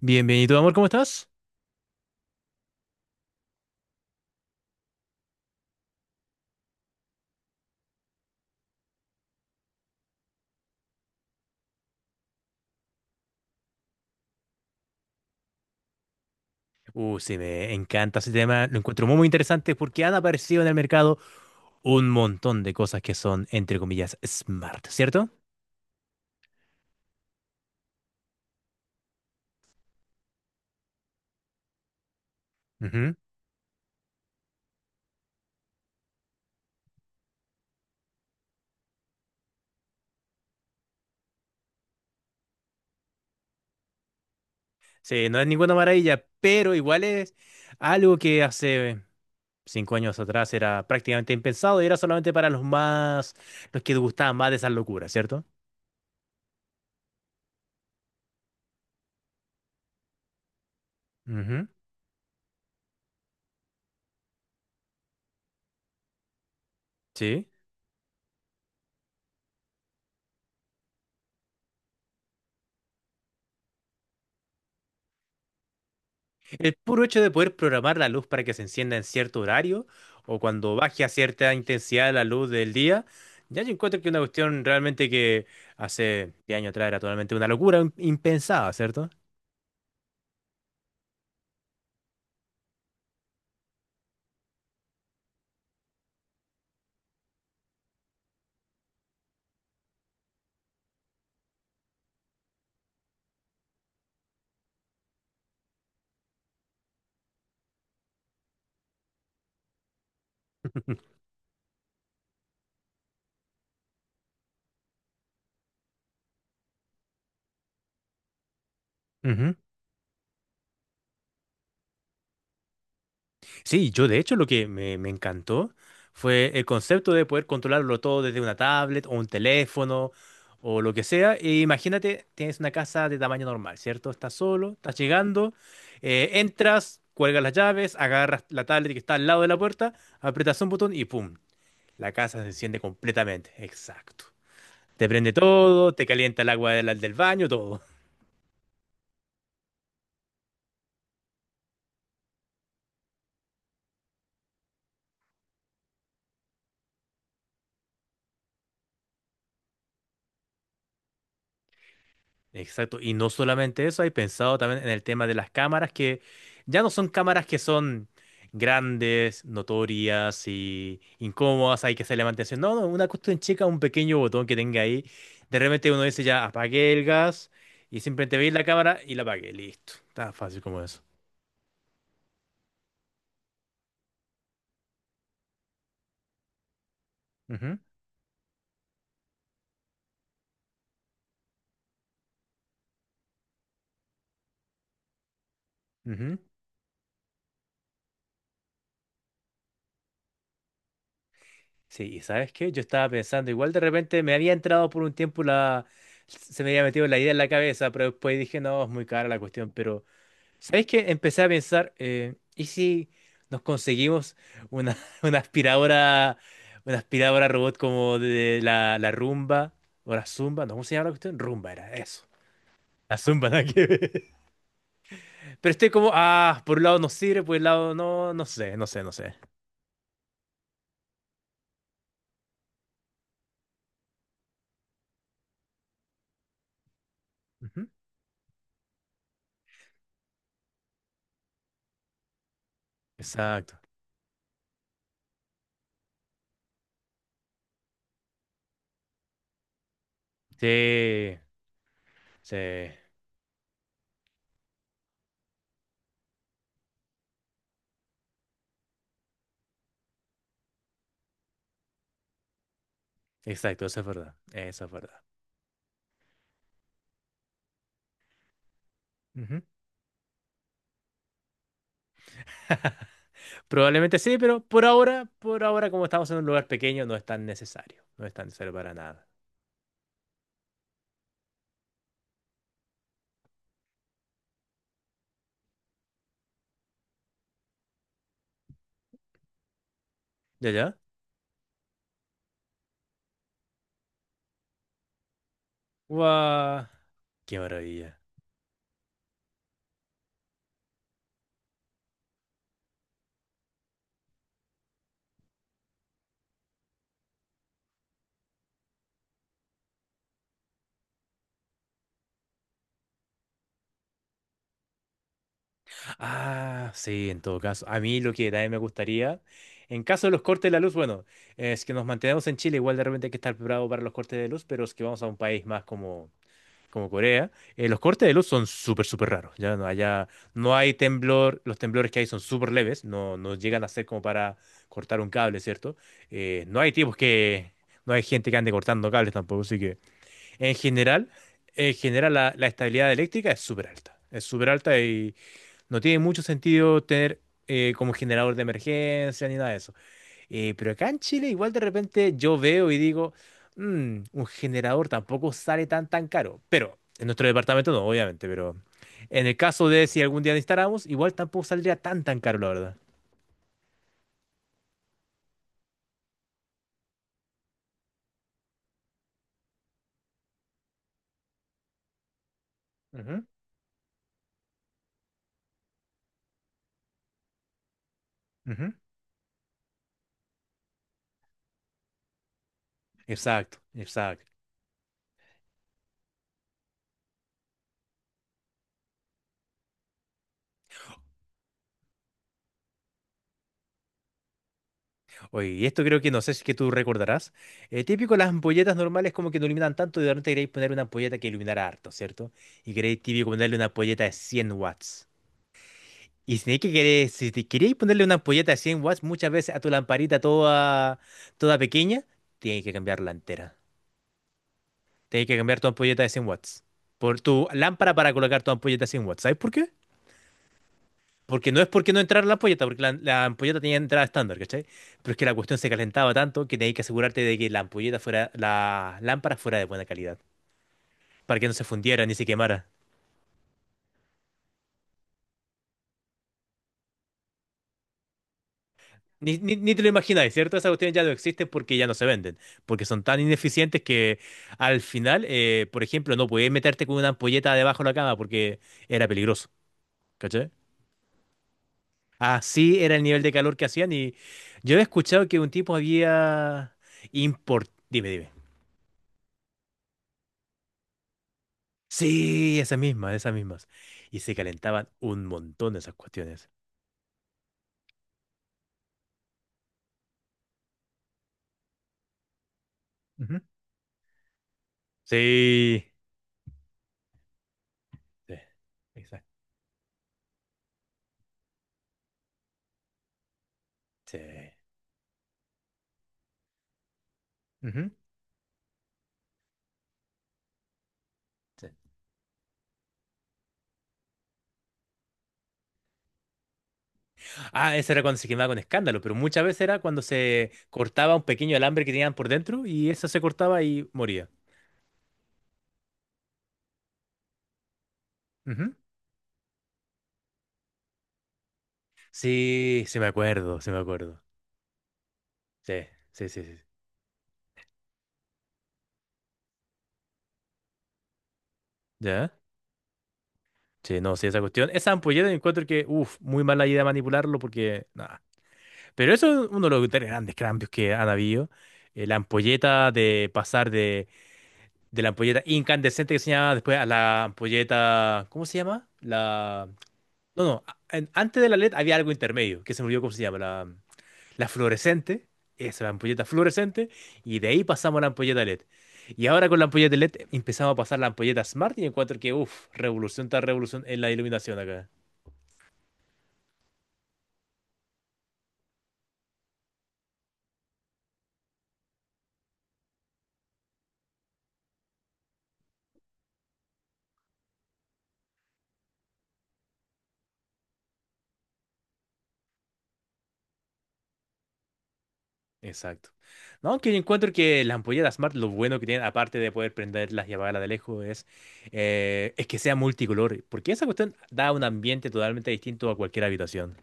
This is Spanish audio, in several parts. Bienvenido, amor, ¿cómo estás? Sí, me encanta ese tema, lo encuentro muy, muy interesante porque han aparecido en el mercado un montón de cosas que son, entre comillas, smart, ¿cierto? Ujú. Sí, no es ninguna maravilla, pero igual es algo que hace 5 años atrás era prácticamente impensado y era solamente para los más, los que gustaban más de esas locuras, ¿cierto? Ujú. Sí. El puro hecho de poder programar la luz para que se encienda en cierto horario o cuando baje a cierta intensidad la luz del día, ya yo encuentro que es una cuestión realmente que hace 10 años atrás era totalmente una locura impensada, ¿cierto? Ujú. Sí, yo de hecho lo que me encantó fue el concepto de poder controlarlo todo desde una tablet o un teléfono o lo que sea. E imagínate, tienes una casa de tamaño normal, ¿cierto? Estás solo, estás llegando, entras, cuelgas las llaves, agarras la tablet que está al lado de la puerta, aprietas un botón y ¡pum! La casa se enciende completamente. Exacto. Te prende todo, te calienta el agua del baño, todo. Exacto, y no solamente eso, hay pensado también en el tema de las cámaras, que ya no son cámaras que son grandes, notorias y incómodas, hay que hacerle mantención. No, no, una cuestión chica, un pequeño botón que tenga ahí. De repente uno dice ya apagué el gas y simplemente veis la cámara y la apagué, listo. Tan fácil como eso. Ujú, ujú. Sí, y ¿sabes qué? Yo estaba pensando, igual de repente me había entrado por un tiempo la... Se me había metido la idea en la cabeza, pero después dije, no, es muy cara la cuestión, pero... ¿Sabéis que empecé a pensar? ¿Y si nos conseguimos una, una aspiradora, una aspiradora robot como de la Rumba o la Zumba? No, ¿cómo se llama la cuestión? Rumba era eso. La Zumba, nada que ver. Pero estoy como, ah, por un lado nos sirve, por el lado no, no sé, no sé, no sé. Ujú. Exacto. Sí, sí, exacto, eso es verdad, eso es verdad. Ujú. Probablemente sí, pero por ahora como estamos en un lugar pequeño, no es tan necesario, no es tan necesario para nada. ¿Ya, ya? Guau, ¡qué maravilla! Ah, sí, en todo caso. A mí lo que también me gustaría, en caso de los cortes de la luz, bueno, es que nos mantenemos en Chile, igual de repente hay que estar preparado para los cortes de luz, pero es que vamos a un país más como Corea. Los cortes de luz son súper, súper raros. Ya no, allá no hay temblor, los temblores que hay son súper leves, no, no llegan a ser como para cortar un cable, ¿cierto? Eh, no hay tipos que, no hay gente que ande cortando cables tampoco, así que... En general, en general la estabilidad eléctrica es súper alta. Es súper alta y no tiene mucho sentido tener como generador de emergencia ni nada de eso. Pero acá en Chile igual de repente yo veo y digo, "Mm, un generador tampoco sale tan tan caro. Pero en nuestro departamento no, obviamente, pero en el caso de si algún día lo instalamos, igual tampoco saldría tan tan caro, la verdad." Ujú, ujú. Exacto, exacto. Oye, y esto creo que no sé si es que tú recordarás. Típico las ampolletas normales como que no iluminan tanto y de repente queréis poner una ampolleta que iluminara harto, ¿cierto? Y queréis típico ponerle una ampolleta de 100 watts. Y si tenéis que si te queréis ponerle una ampolleta de 100 watts, muchas veces a tu lamparita toda, toda pequeña, tienes que cambiarla entera. Tienes que cambiar tu ampolleta de 100 watts. Por tu lámpara para colocar tu ampolleta de 100 watts. ¿Sabes por qué? Porque no es porque no entrara la ampolleta, porque la ampolleta tenía entrada estándar, ¿cachai? Pero es que la cuestión se calentaba tanto que tenías que asegurarte de que la ampolleta fuera, la lámpara fuera de buena calidad, para que no se fundiera ni se quemara. Ni te lo imagináis, ¿cierto? Esas cuestiones ya no existen porque ya no se venden, porque son tan ineficientes que al final, por ejemplo, no podías meterte con una ampolleta debajo de la cama porque era peligroso, ¿cachai? Así era el nivel de calor que hacían y yo he escuchado que un tipo había import... Dime, dime. Sí, esas mismas, esas mismas. Y se calentaban un montón esas cuestiones. Ujú. Sí. Sí. Exacto. Sí. Ujú. Sí. Ah, ese era cuando se quemaba con escándalo, pero muchas veces era cuando se cortaba un pequeño alambre que tenían por dentro y eso se cortaba y moría. Ujú. Sí, sí me acuerdo, sí me acuerdo. Sí, sí, sí, sí. ¿Ya? Sí, no, sí, esa cuestión. Esa ampolleta encuentro que, uff, muy mala idea manipularlo porque, no, pero eso es uno de los tres grandes cambios que han habido. La ampolleta de pasar de, la ampolleta incandescente que se llamaba después a la ampolleta. ¿Cómo se llama? La. No, no. Antes de la LED había algo intermedio que se me olvidó cómo se llama. La fluorescente. Esa, la ampolleta fluorescente. Y de ahí pasamos a la ampolleta LED. Y ahora con la ampolleta LED empezamos a pasar la ampolleta Smart y encuentro que, uff, revolución tras revolución en la iluminación acá. Exacto. No, que yo encuentro que las ampolletas Smart, lo bueno que tienen, aparte de poder prenderlas y apagarlas de lejos, es que sea multicolor, porque esa cuestión da un ambiente totalmente distinto a cualquier habitación.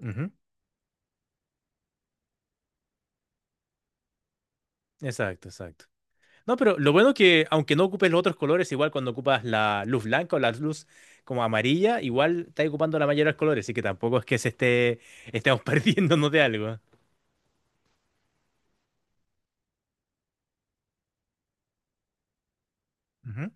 Ujú. Exacto, exacto. No, pero lo bueno que, aunque no ocupes los otros colores, igual cuando ocupas la luz blanca o la luz como amarilla, igual estás ocupando la mayoría de los colores, así que tampoco es que se esté, estemos perdiéndonos de algo. Ujú.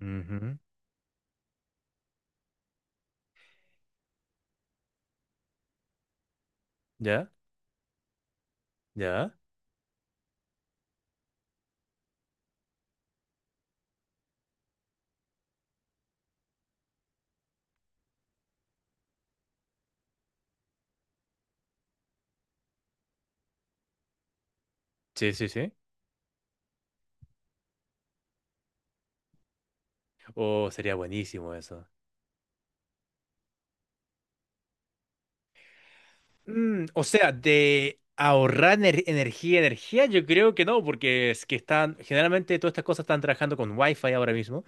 Ujú. ¿Ya? ¿Ya? Sí, sí, sí. Oh, sería buenísimo eso. Mm, o sea, de ahorrar energía, energía, yo creo que no, porque es que están, generalmente todas estas cosas están trabajando con Wi-Fi ahora mismo,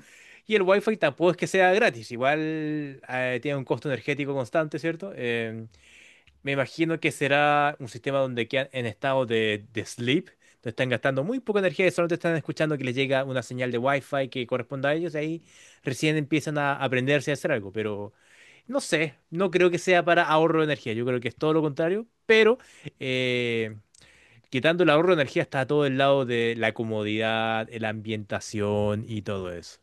y el Wi-Fi tampoco es que sea gratis, igual tiene un costo energético constante, ¿cierto? Me imagino que será un sistema donde quedan en estado de, sleep, donde están gastando muy poca energía y solo te están escuchando que les llega una señal de Wi-Fi que corresponda a ellos, y ahí recién empiezan a aprenderse a hacer algo, pero... No sé, no creo que sea para ahorro de energía, yo creo que es todo lo contrario, pero eh, quitando el ahorro de energía está todo el lado de la comodidad, la ambientación y todo eso.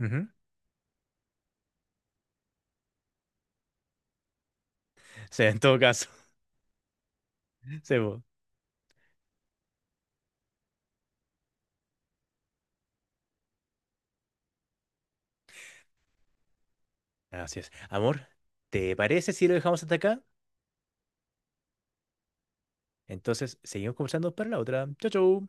Ujú. Sí, en todo caso, sí, po. Así es. Amor, ¿te parece si lo dejamos hasta acá? Entonces, seguimos conversando para la otra. Chau, chau.